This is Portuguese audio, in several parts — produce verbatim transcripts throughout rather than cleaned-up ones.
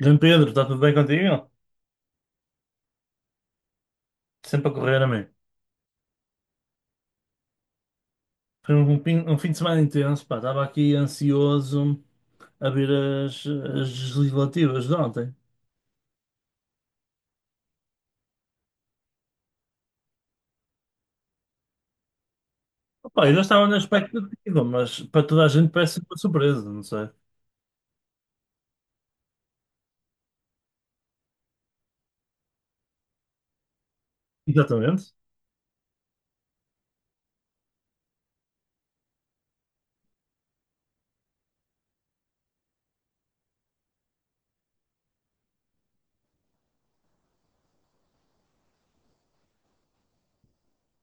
João Pedro, está tudo bem contigo? Sempre a correr a mim. Foi um, pin- um fim de semana intenso, pá. Estava aqui ansioso a ver as, as legislativas de ontem. Pá, eu já estava na expectativa, mas para toda a gente parece uma surpresa, não sei. Exatamente.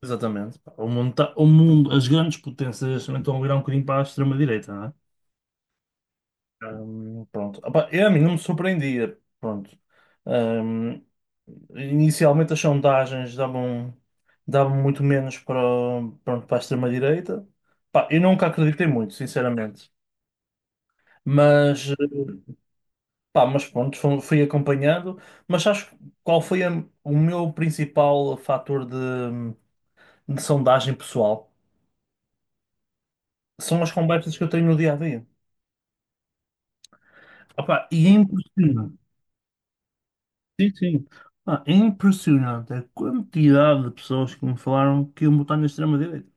Exatamente, pá. O mundo, tá- o mundo, as grandes potências neste momento estão a virar um bocadinho para a extrema-direita. Hum, pronto. Opa, eu, a mim não me surpreendia. Pronto. Hum, Inicialmente as sondagens davam, davam muito menos para, o- pronto, para a extrema-direita. Pá, eu nunca acreditei muito, sinceramente. Mas, pá, mas pronto, fui fui acompanhando. Mas acho, qual foi a- o meu principal fator de, de sondagem pessoal? São as conversas que eu tenho no dia a dia. Opa, e é impressionante. Sim, sim. Ah, é impressionante a quantidade de pessoas que me falaram que iam votar na extrema-direita.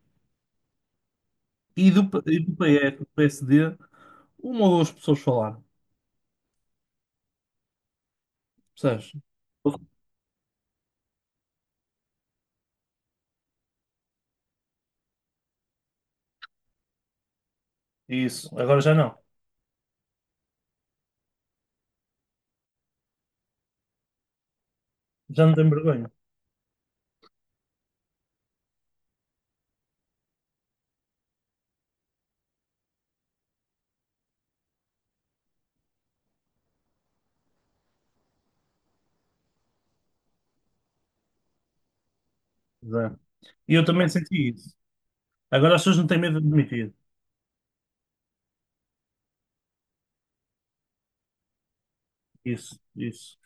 E do, P- e do P S, do P S D, uma ou duas pessoas falaram. Percebes? Isso. Agora já não. Já não tenho vergonha. Zé. E eu também senti isso. Agora as pessoas não têm medo de admitir. Isso, isso.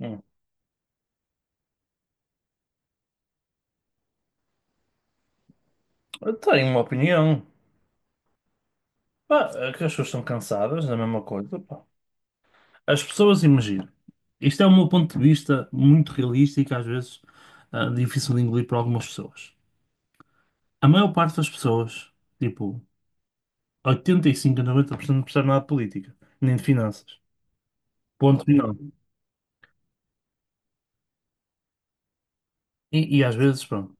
Hum. Eu tenho uma opinião. Pá, é que as pessoas estão cansadas da mesma coisa, pá. As pessoas, imagino. Isto é o meu ponto de vista muito realista e que, às vezes, ah, difícil de engolir para algumas pessoas. A maior parte das pessoas, tipo oitenta e cinco a noventa por cento, não percebe nada de política, nem de finanças. Ponto final. E, e às vezes, pronto,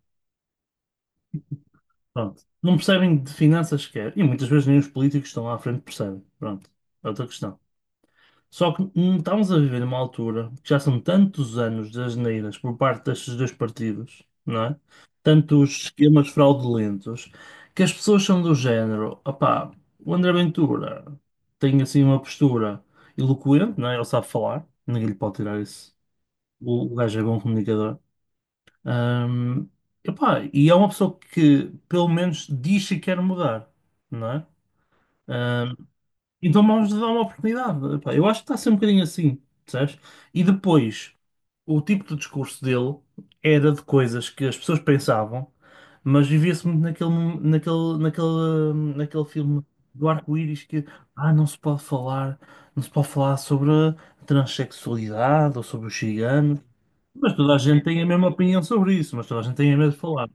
pronto. Não percebem de finanças sequer. E muitas vezes nem os políticos que estão lá à frente percebem. Pronto. É outra questão. Só que, hum, estamos a viver numa altura que já são tantos anos de asneiras por parte destes dois partidos, não é? Tantos esquemas fraudulentos, que as pessoas são do género, opá, o André Ventura tem assim uma postura eloquente, não é? Ele sabe falar, ninguém lhe pode tirar isso. O, o gajo é bom comunicador. Hum, Epá, e é uma pessoa que pelo menos diz que quer mudar, não é? Hum, então vamos dar uma oportunidade. Epá, eu acho que está a ser um bocadinho assim, percebes? E depois, o tipo de discurso dele era de coisas que as pessoas pensavam, mas vivia-se muito naquele, mom- naquele, naquele, hum, naquele filme do arco-íris que, ah, não se pode falar, não se pode falar sobre a transexualidade ou sobre os ciganos. Mas toda a gente tem a mesma opinião sobre isso, mas toda a gente tem medo de falar.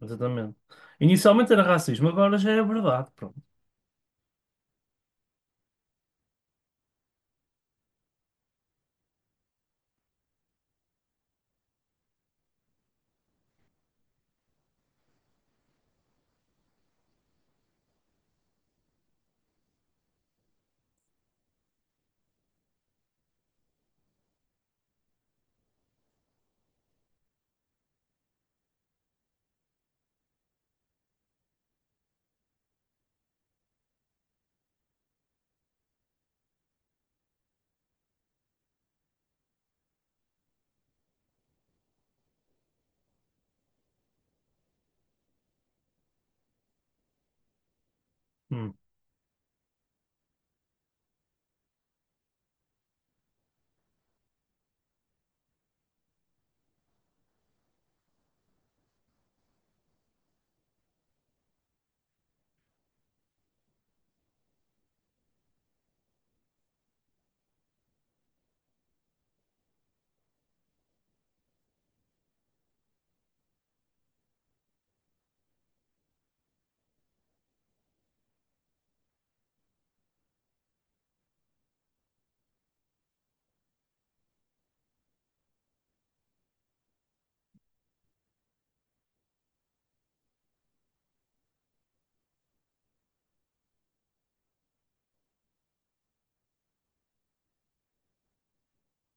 Exatamente. Inicialmente era racismo, agora já é verdade. Pronto. Hum,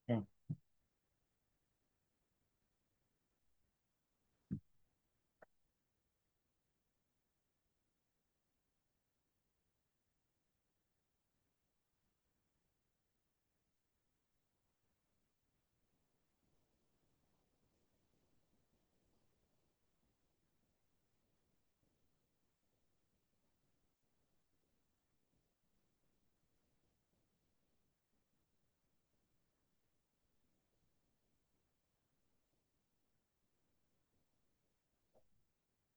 hum.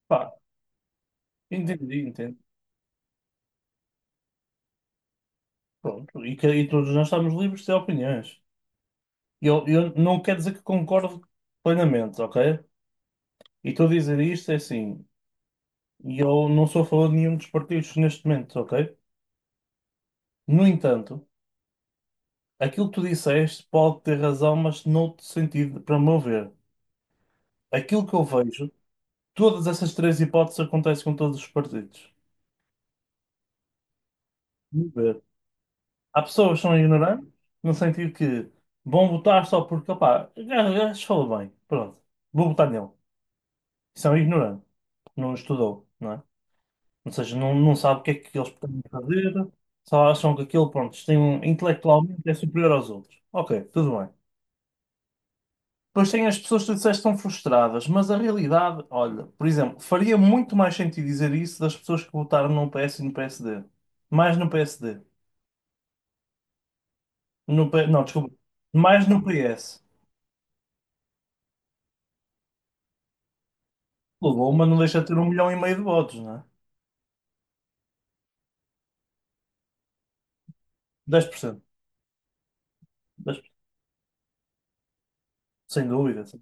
Pá, entendi, entendi. Pronto, e, que, e todos nós estamos livres de ter opiniões. Eu, eu não quero dizer que concordo plenamente, ok? E estou a dizer isto é assim, e eu não sou a favor de nenhum dos partidos neste momento, ok? No entanto, aquilo que tu disseste pode ter razão, mas noutro sentido, para o meu ver. Aquilo que eu vejo, todas essas três hipóteses acontecem com todos os partidos. No meu ver. Há pessoas que são ignorantes, no sentido que vão votar só porque, opá, o gajo o gajo falou bem, pronto, vou votar nele. São ignorantes, não estudou, não é? Ou seja, não, não sabe o que é que eles podem fazer, só acham que aquilo, pronto, tem um, intelectualmente é superior aos outros. Ok, tudo bem. Depois tem as pessoas que tu disseste que estão frustradas, mas a realidade, olha, por exemplo, faria muito mais sentido dizer isso das pessoas que votaram no P S e no P S D. Mais no P S D. No, P- não, desculpa. Mais no P S. O Luma não deixa de ter um milhão e meio de votos, não é? Dez por cento. Dez por cento. Sem dúvida. Sem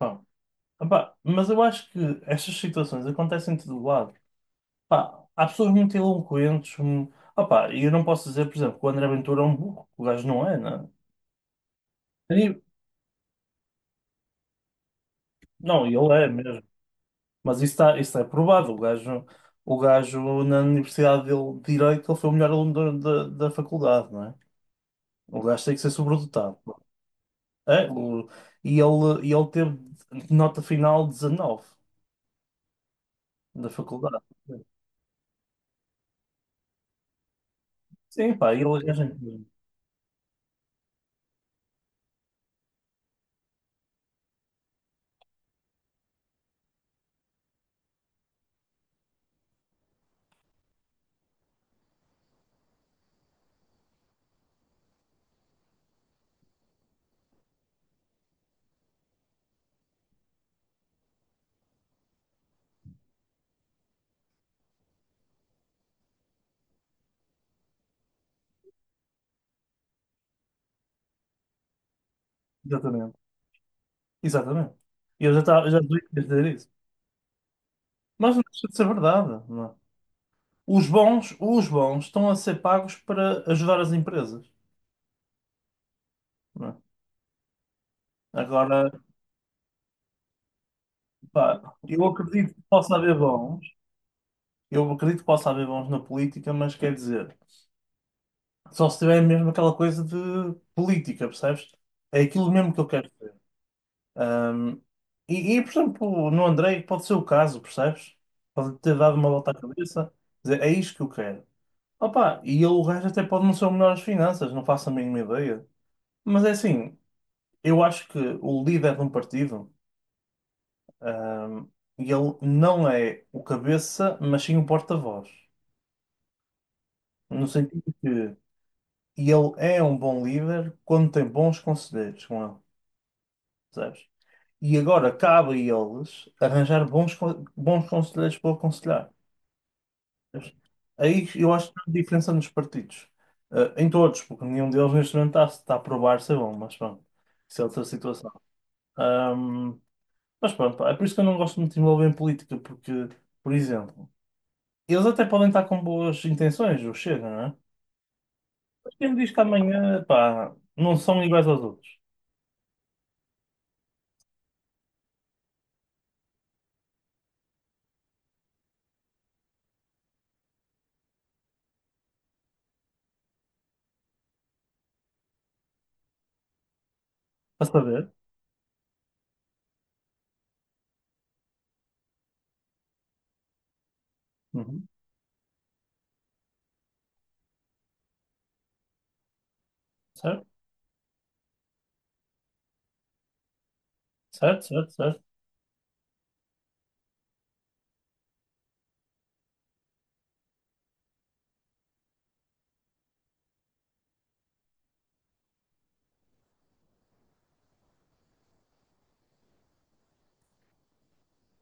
dúvida. Epá, mas eu acho que estas situações acontecem de todo lado. Pá, há pessoas muito eloquentes, hum, opá, e eu não posso dizer, por exemplo, que o André Ventura é um burro. O gajo não é, né? E- não, ele é mesmo. Mas isso, está, isso é provado. O gajo, o gajo na Universidade dele, de Direito, ele foi o melhor aluno da, da, da faculdade, não é? O gajo tem que ser sobredotado. É. o- e ele, e ele teve nota final dezenove da faculdade. Sim, pá, ele é gente é. Exatamente. Exatamente. E eu já estava, já devia dizer isso. Mas não deixa de ser verdade, não é? Os bons, os bons estão a ser pagos para ajudar as empresas, não é? Agora, pá, eu acredito que possa haver bons, eu acredito que possa haver bons na política, mas quer dizer, só se tiver mesmo aquela coisa de política, percebes? É aquilo mesmo que eu quero ver. Ahm, e, e, por exemplo, no Andrei pode ser o caso, percebes? Pode ter dado uma volta à cabeça, quer dizer, é isto que eu quero. Opa, e ele, o gajo até pode não ser o melhor às finanças, não faço a mínima ideia. Mas é assim, eu acho que o líder de um partido, ahm, ele não é o cabeça, mas sim o porta-voz. No sentido que ele é um bom líder quando tem bons conselheiros com ele, percebes? E agora cabe a eles arranjar bons, con- bons conselheiros para o aconselhar. Aí eu acho que não há diferença nos partidos. Ah, em todos, porque nenhum deles neste momento está, está a provar ser bom, mas pronto, isso é outra situação. Ahm, mas pronto, pá, é por isso que eu não gosto muito de me envolver em política, porque, por exemplo, eles até podem estar com boas intenções, o Chega, não é? Mas quem me diz que amanhã, pá, não são iguais aos outros? Para saber? Uhum. Certo? Certo, certo, certo.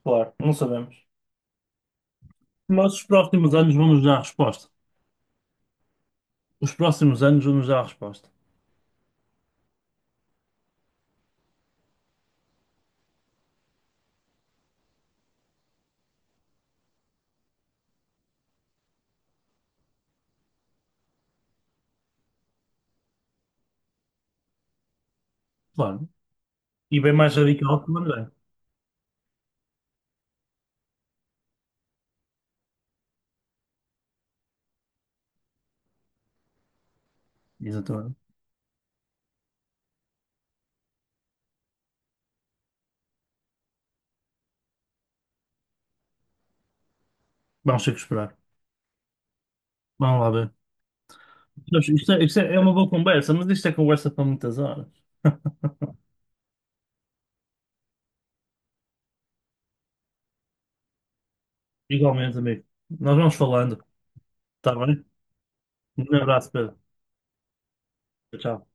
Claro, não sabemos. Mas os próximos anos vão nos dar a resposta. Os próximos anos vão nos dar a resposta. Claro. E bem mais radical que o André. Exatamente. Vamos ter que esperar. Vamos lá ver. Mas isto é, isto é é uma boa conversa, mas isto é conversa para muitas horas. Igualmente, amigo. Nós vamos falando, está bem? Um abraço, Pedro. Tchau.